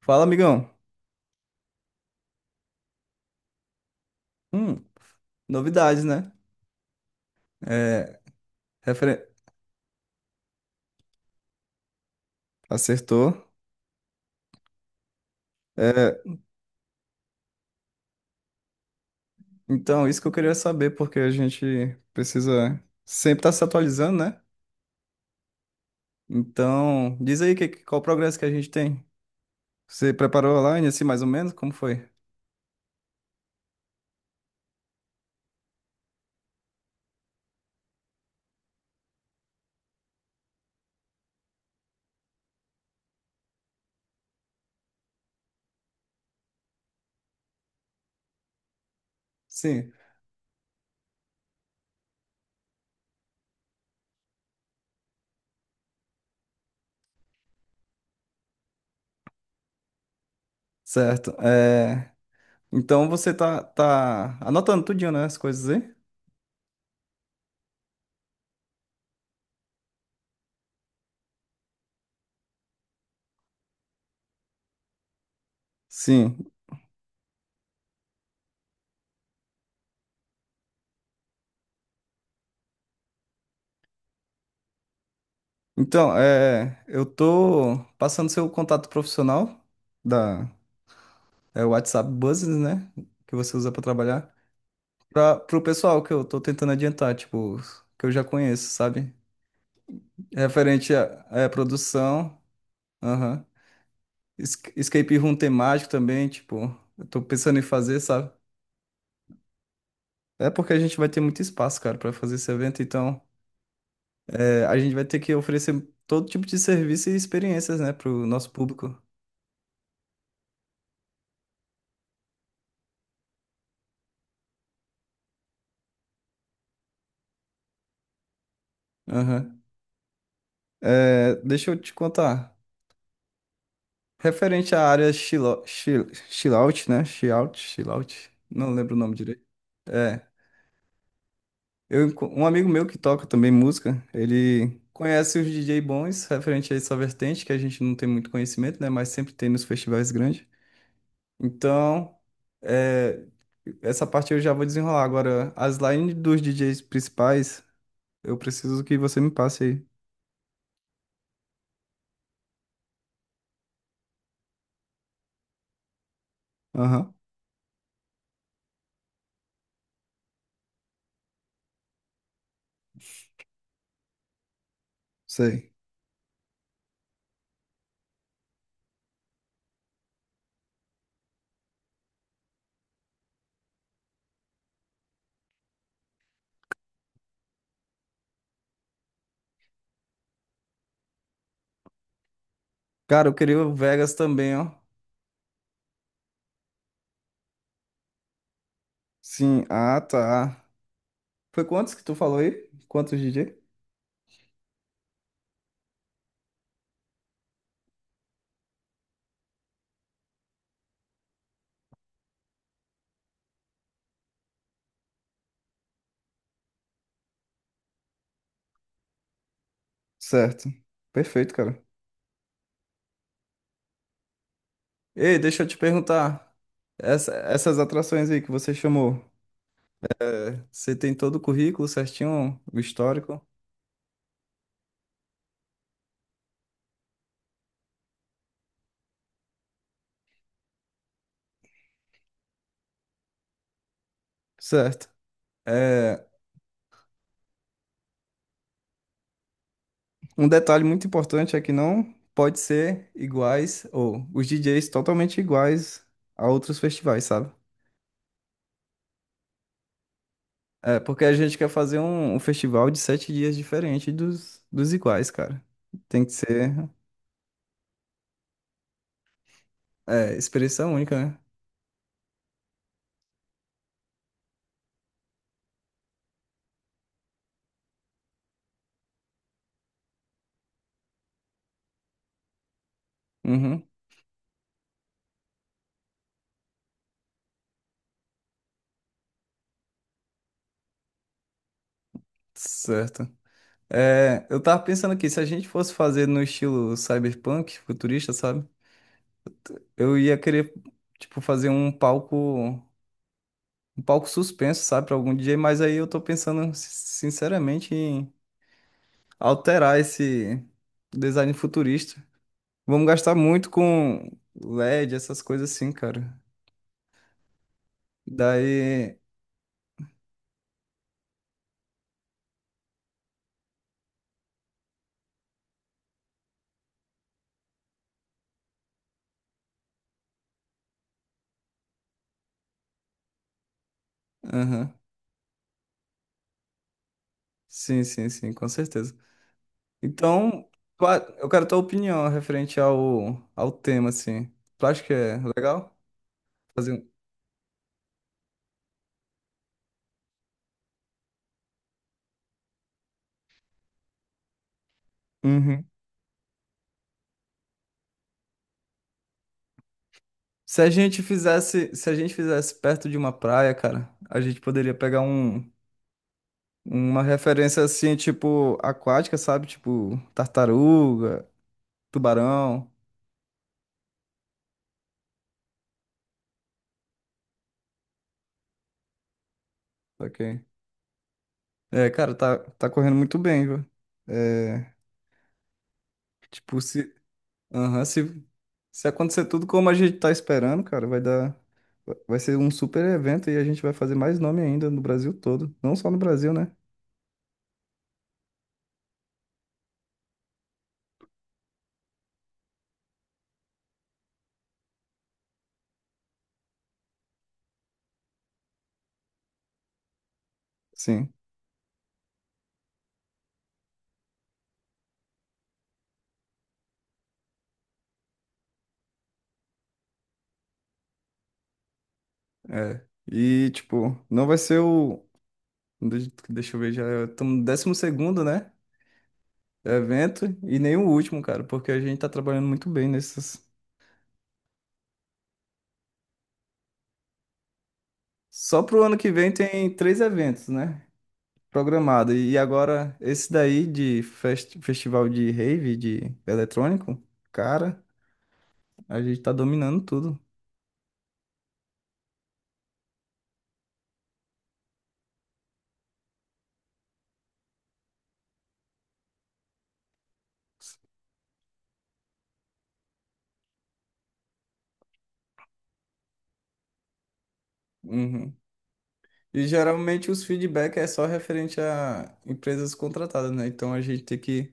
Fala, amigão. Hum, Novidades, né? É, referen- Acertou. É, então, isso que eu queria saber, porque a gente precisa sempre estar se atualizando, né? Então, diz aí qual o progresso que a gente tem. Você preparou online, assim, mais ou menos? Como foi? Sim, certo. É, então, você tá anotando tudinho, né? As coisas aí? Sim. Então, é, eu tô passando seu contato profissional da, é o WhatsApp Business, né? Que você usa pra trabalhar. Para pro pessoal que eu tô tentando adiantar, tipo, que eu já conheço, sabe? Referente à produção, aham. Escape room temático também, tipo, eu tô pensando em fazer, sabe? É porque a gente vai ter muito espaço, cara, pra fazer esse evento, então é, a gente vai ter que oferecer todo tipo de serviço e experiências, né, pro nosso público. Aham. É, deixa eu te contar. Referente à área chillout, né? Chillout, chillout, não lembro o nome direito. É, um amigo meu que toca também música, ele conhece os DJ bons referente a essa vertente, que a gente não tem muito conhecimento, né? Mas sempre tem nos festivais grandes. Então, é, essa parte eu já vou desenrolar. Agora, as lines dos DJs principais, eu preciso que você me passe aí. Aham, sei. Cara, eu queria o Vegas também, ó. Sim, ah, tá. Foi quantos que tu falou aí? Quantos DJ? Certo. Perfeito, cara. Ei, deixa eu te perguntar. Essas atrações aí que você chamou, é, você tem todo o currículo certinho, o histórico? Certo. É, um detalhe muito importante é que não pode ser iguais, ou os DJs totalmente iguais a outros festivais, sabe? É, porque a gente quer fazer um festival de 7 dias diferente dos iguais, cara. Tem que ser, é, experiência única, né? Uhum. Certo. É, eu tava pensando aqui, se a gente fosse fazer no estilo cyberpunk, futurista, sabe? Eu ia querer, tipo, fazer um palco suspenso, sabe, pra algum DJ, mas aí eu tô pensando, sinceramente, em alterar esse design futurista. Vamos gastar muito com LED, essas coisas assim, cara. Daí, aham. Sim, sim, sim, com certeza. Então, eu quero tua opinião referente ao tema, assim. Tu acha que é legal fazer um... Uhum. Se a gente fizesse perto de uma praia, cara, a gente poderia pegar uma referência assim, tipo, aquática, sabe? Tipo, tartaruga, tubarão, ok? É, cara, tá, tá correndo muito bem, viu? É, tipo, se, Aham, se acontecer tudo como a gente tá esperando, cara, vai dar. Vai ser um super evento e a gente vai fazer mais nome ainda no Brasil todo. Não só no Brasil, né? Sim, é. E, tipo, não vai ser deixa eu ver, já estamos no 12º, né? Evento e nem o último, cara, porque a gente tá trabalhando muito bem nesses. Só pro ano que vem tem 3 eventos, né? Programado. E agora, esse daí de festival de rave, de eletrônico, cara. A gente tá dominando tudo. Uhum. E geralmente os feedback é só referente a empresas contratadas, né? Então a gente tem que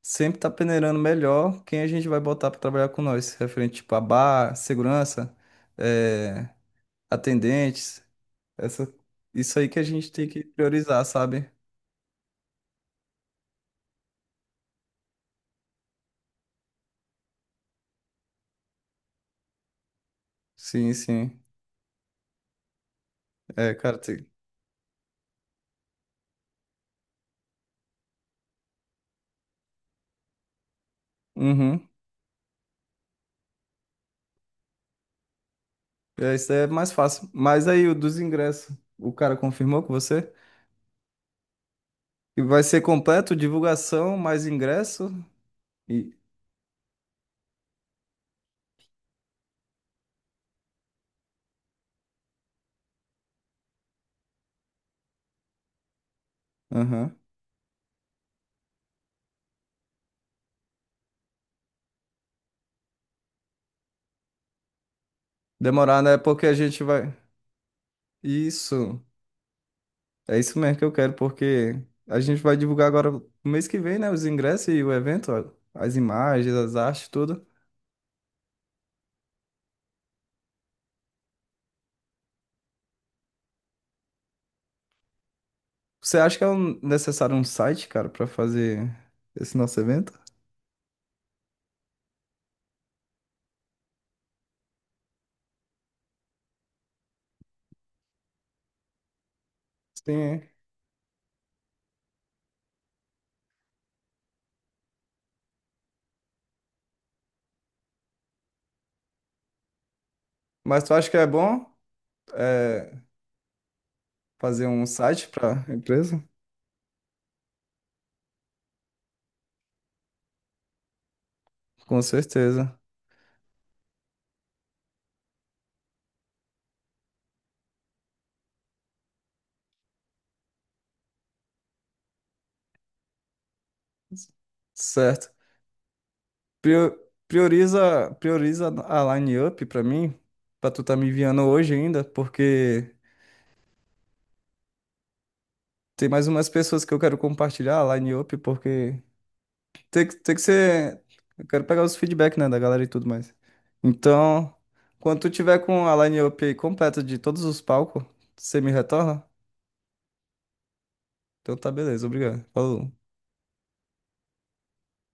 sempre estar tá peneirando melhor quem a gente vai botar para trabalhar com nós, referente tipo a bar, segurança, eh, atendentes, essa, isso aí que a gente tem que priorizar, sabe? Sim, sim. É, cara, tem... Uhum. É, isso aí é mais fácil. Mas aí o dos ingressos, o cara confirmou com você? E vai ser completo, divulgação, mais ingresso? Aham. Demorar, né? Porque a gente vai. Isso. É isso mesmo que eu quero, porque a gente vai divulgar agora no mês que vem, né? Os ingressos e o evento, ó, as imagens, as artes, tudo. Você acha que é necessário um site, cara, pra fazer esse nosso evento? Sim. Mas tu acha que é bom é, fazer um site pra empresa? Com certeza. Certo. Prio- prioriza a line up pra mim, pra tu tá me enviando hoje ainda, porque. Tem mais umas pessoas que eu quero compartilhar lá em Up, porque tem que ser. Eu quero pegar os feedback, né, da galera e tudo mais. Então, quando tu tiver com a line-up aí completa de todos os palcos, você me retorna? Então tá beleza, obrigado. Falou.